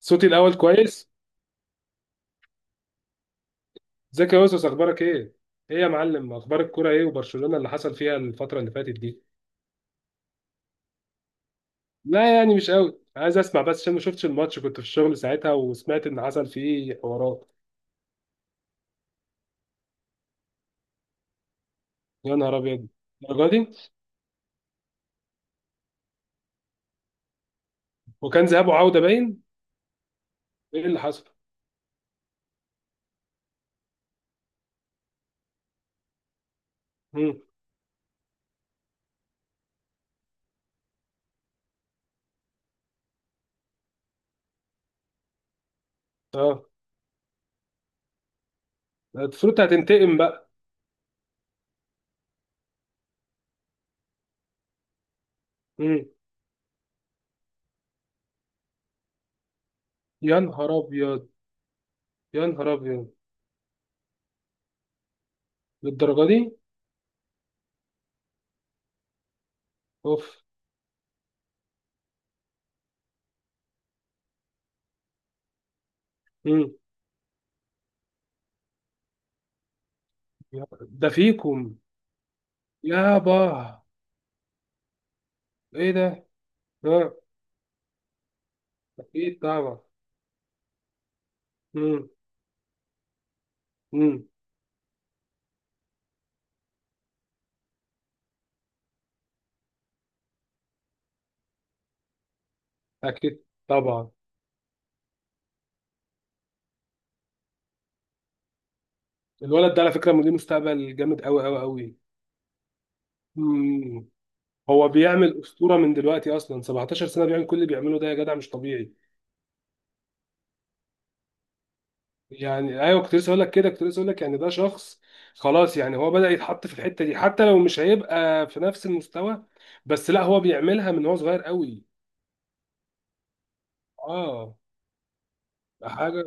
صوتي الاول كويس. ازيك يا يوسف، اخبارك ايه؟ ايه يا معلم، اخبار الكوره ايه وبرشلونه اللي حصل فيها الفتره اللي فاتت دي؟ لا يعني مش قوي عايز اسمع، بس عشان ما شفتش الماتش كنت في الشغل ساعتها وسمعت ان حصل فيه حوارات. يا نهار ابيض! الدرجه دي؟ وكان ذهاب وعوده باين. ايه اللي حصل؟ امم. اه. المفروض هتنتقم بقى؟ امم. يا نهار ابيض! يا نهار ابيض! للدرجه دي؟ اوف! امم. ده فيكم؟ يابا! ايه ده؟ اه. اكيد طبعا. امم. اكيد طبعا. الولد ده على فكره ليه مستقبل جامد قوي قوي قوي. مم. هو بيعمل اسطوره من دلوقتي، اصلا 17 سنه بيعمل كل اللي بيعمله ده، يا جدع مش طبيعي. يعني ايوه، كنت لسه اقول لك كده كنت لسه اقول لك يعني ده شخص. خلاص، يعني هو بدأ يتحط في الحته دي، حتى لو مش هيبقى في نفس المستوى. بس لا، هو بيعملها من هو صغير قوي. اه. حاجه.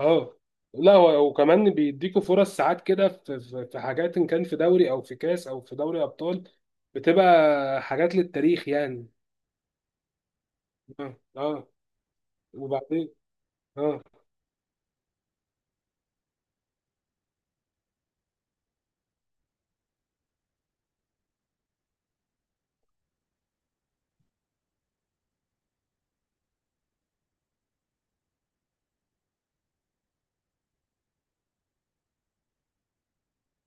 اه. لا، وكمان بيديكوا فرص ساعات كده، في حاجات، ان كان في دوري او في كاس او في دوري ابطال، بتبقى حاجات للتاريخ يعني. اه، اه. وبعدين. اه.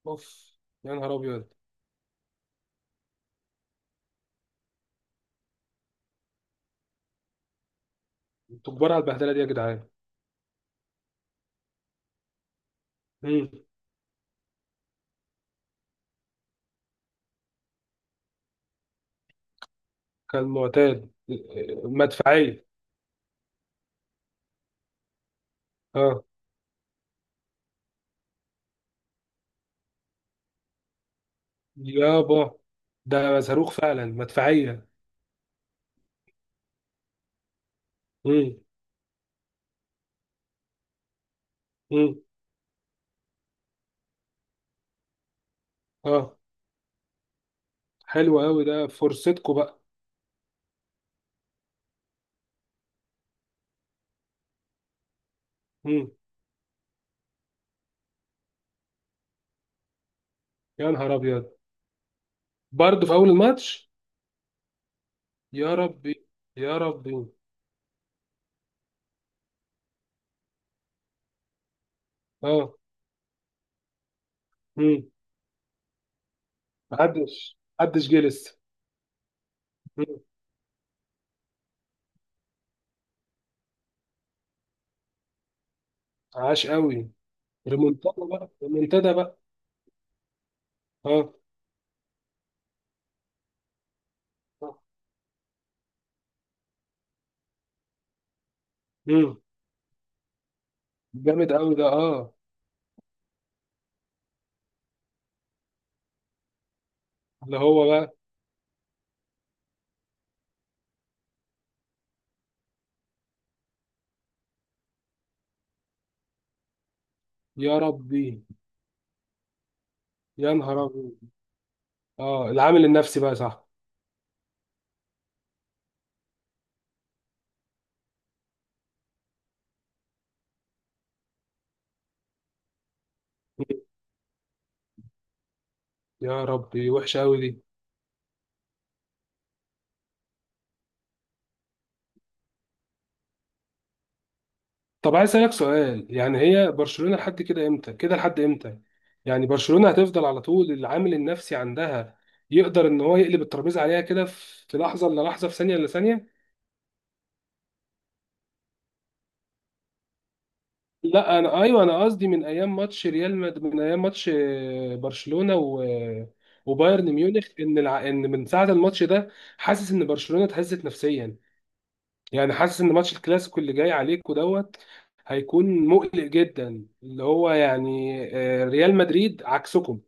اوف! يا نهار ابيض! انتوا كبار على البهدله دي يا جدعان. مم. كان معتاد. مدفعيه. اه يابا، ده صاروخ فعلا، مدفعيه. مم. مم. اه. حلو قوي، ده فرصتكم بقى. مم. يا نهار ابيض! برضه في اول الماتش؟ يا ربي! يا ربي! اه. امم. محدش جه لسه. مم. عاش قوي. ريمونتادا بقى، ريمونتادا بقى. اه. امم. جامد قوي ده، اه. اللي هو بقى. يا ربي! يا نهار ابيض! اه، العامل النفسي بقى، صح. مم. يا ربي، وحشه قوي دي. طب عايز اسالك سؤال، يعني هي برشلونه لحد كده امتى؟ كده لحد امتى؟ يعني برشلونه هتفضل على طول العامل النفسي عندها؟ يقدر ان هو يقلب الترابيزه عليها كده في لحظه الا لحظه، في ثانيه الا ثانيه؟ لا، انا ايوه، انا قصدي من ايام ماتش، برشلونه و... وبايرن ميونخ، ان من ساعه الماتش ده حاسس ان برشلونه اتهزت نفسيا. يعني حاسس ان ماتش الكلاسيكو اللي جاي عليكوا دوت هيكون مقلق جدا، اللي هو يعني ريال مدريد عكسكم.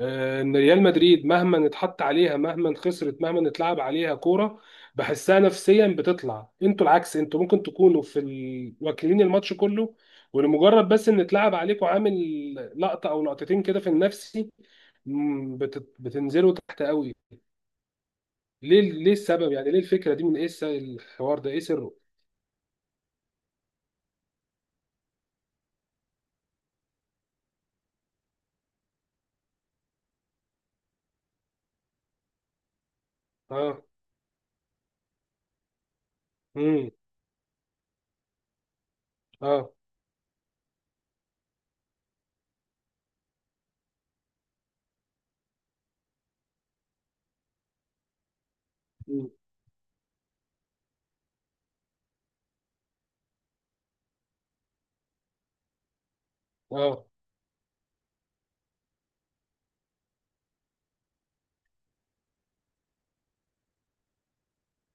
ان ريال مدريد مهما اتحط عليها، مهما خسرت، مهما اتلعب عليها كوره، بحسها نفسيا بتطلع. انتوا العكس، انتوا ممكن تكونوا واكلين الماتش كله، ولمجرد بس ان اتلعب عليكم عامل لقطه او لقطتين كده في النفسي، بتنزلوا تحت قوي. ليه السبب؟ يعني ليه الفكره دي؟ من ايه الحوار ده؟ ايه سره؟ اه. امم. اه. مم. اه،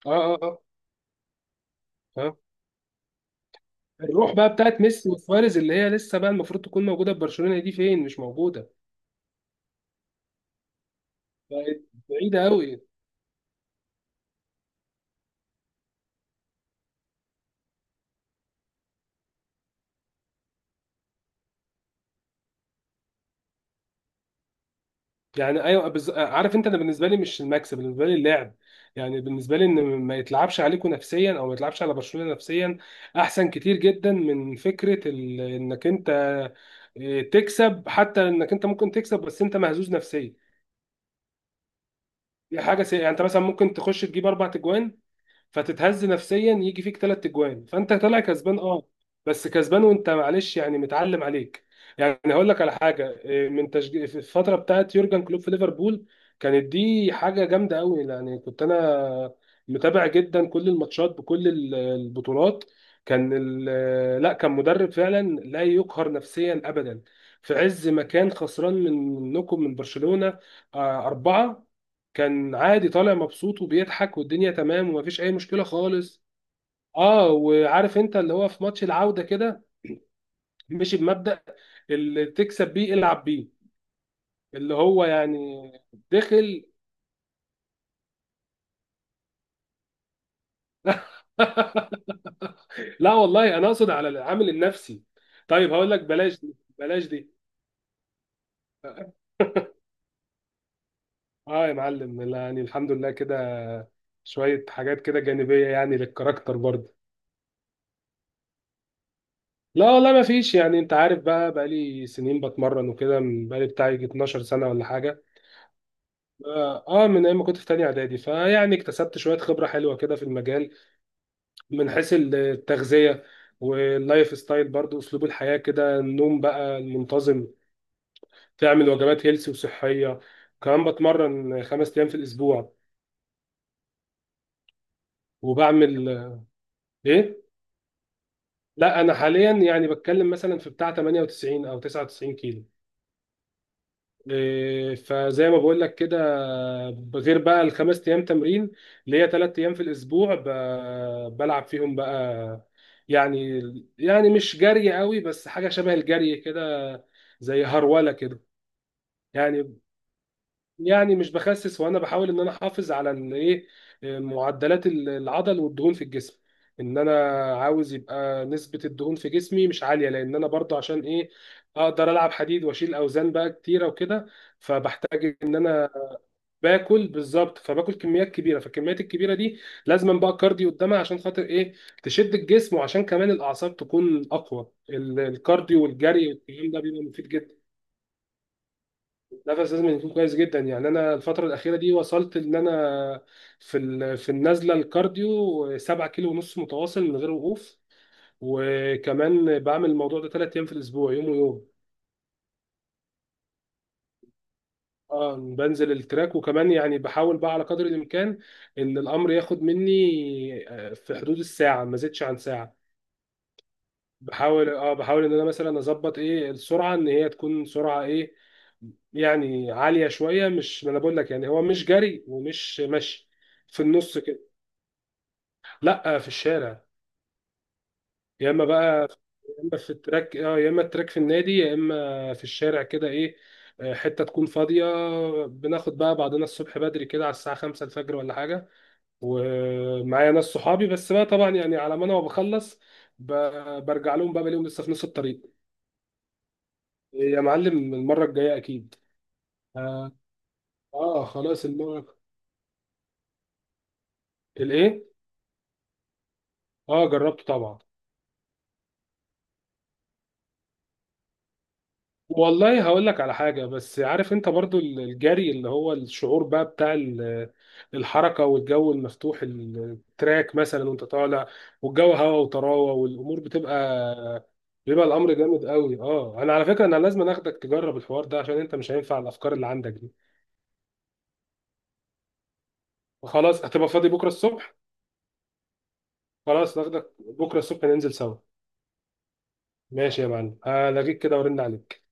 اه، اه. اه. آه. الروح بقى بتاعت ميسي وسواريز، اللي هي لسه بقى المفروض تكون موجوده في برشلونه، دي فين؟ مش موجوده. بقت بعيدة قوي. يعني ايوه، عارف انت، انا بالنسبه لي مش المكسب، بالنسبه لي اللعب. يعني بالنسبه لي ان ما يتلعبش عليكم نفسيا، او ما يتلعبش على برشلونه نفسيا، احسن كتير جدا من فكره انك انت تكسب. حتى انك انت ممكن تكسب، بس انت مهزوز نفسيا، دي حاجه سيئه. يعني انت مثلا ممكن تخش تجيب اربع تجوان، فتتهز نفسيا يجي فيك ثلاث اجوان، فانت طالع كسبان، اه، بس كسبان وانت معلش، يعني متعلم عليك. يعني هقول لك على حاجه من في الفتره بتاعت يورجن كلوب في ليفربول، كانت دي حاجه جامده قوي. يعني كنت انا متابع جدا كل الماتشات بكل البطولات. كان مدرب فعلا لا يقهر نفسيا ابدا. في عز ما كان خسران منكم، من برشلونه أربعة، كان عادي طالع مبسوط وبيضحك والدنيا تمام ومفيش اي مشكله خالص. اه، وعارف انت، اللي هو في ماتش العوده كده مشي بمبدأ اللي تكسب بيه، العب بيه. اللي هو يعني دخل. لا والله، انا اقصد على العامل النفسي. طيب هقول لك، بلاش دي بلاش دي. اه يا معلم، لا، يعني الحمد لله كده، شويه حاجات كده جانبيه، يعني للكاركتر برضه. لا والله ما فيش، يعني انت عارف، بقى لي سنين بتمرن وكده، بقى لي بتاعي 12 سنه ولا حاجه. من ايام ما كنت في تانية اعدادي، فيعني اكتسبت شوية خبرة حلوة كده في المجال، من حيث التغذية، واللايف ستايل برضو، اسلوب الحياة كده، النوم بقى المنتظم، تعمل وجبات هيلسي وصحية، كمان بتمرن خمس ايام في الاسبوع. وبعمل ايه، لا انا حاليا يعني بتكلم مثلا في بتاع 98 او 99 كيلو. فزي ما بقول لك كده، غير بقى الخمس ايام تمرين اللي هي ثلاث ايام في الاسبوع بلعب فيهم بقى، يعني، يعني مش جري قوي، بس حاجه شبه الجري كده، زي هروله كده. يعني، يعني مش بخسس، وانا بحاول ان انا احافظ على الايه، معدلات العضل والدهون في الجسم. ان انا عاوز يبقى نسبة الدهون في جسمي مش عالية، لان انا برضو عشان ايه؟ اقدر العب حديد واشيل اوزان بقى كتيرة وكده، فبحتاج ان انا باكل بالظبط، فباكل كميات كبيرة، فالكميات الكبيرة دي لازم بقى الكارديو قدامها عشان خاطر ايه، تشد الجسم، وعشان كمان الاعصاب تكون اقوى. الكارديو والجري والكلام ده بيبقى مفيد جدا. نفس لازم يكون كويس جدا. يعني انا الفتره الاخيره دي وصلت ان انا في النزله الكارديو 7 كيلو ونص متواصل من غير وقوف، وكمان بعمل الموضوع ده ثلاث ايام في الاسبوع، يوم ويوم. اه، بنزل التراك، وكمان يعني بحاول بقى على قدر الامكان ان الامر ياخد مني في حدود الساعه، ما زيدش عن ساعه. بحاول ان انا مثلا اظبط ايه السرعه، ان هي تكون سرعه ايه، يعني عاليه شويه، مش، ما انا بقول لك يعني هو مش جري ومش مشي، في النص كده. لا، في الشارع. يا اما بقى، يا اما في التراك، يا اما التراك في النادي، يا اما في الشارع كده ايه، حته تكون فاضيه. بناخد بقى بعضنا الصبح بدري كده على الساعه 5 الفجر ولا حاجه، ومعايا ناس صحابي بس بقى طبعا، يعني على ما انا بخلص، ب- برجع لهم بقى بلاقيهم لسه في نص الطريق. يا معلم المره الجايه اكيد. اه خلاص المره. الايه؟ اه جربته طبعا. والله هقول لك على حاجة، بس عارف انت برضو الجري اللي هو الشعور بقى بتاع الحركة والجو المفتوح، التراك مثلا وانت طالع، والجو هوا وطراوة، والامور بتبقى، بيبقى الامر جامد قوي. اه انا على فكرة انا لازم اخدك تجرب الحوار ده، عشان انت مش هينفع الافكار اللي عندك دي. خلاص، هتبقى فاضي بكرة الصبح؟ خلاص ناخدك بكرة الصبح، ننزل سوا. ماشي يا معلم، هلاقيك كده، ورن عليك.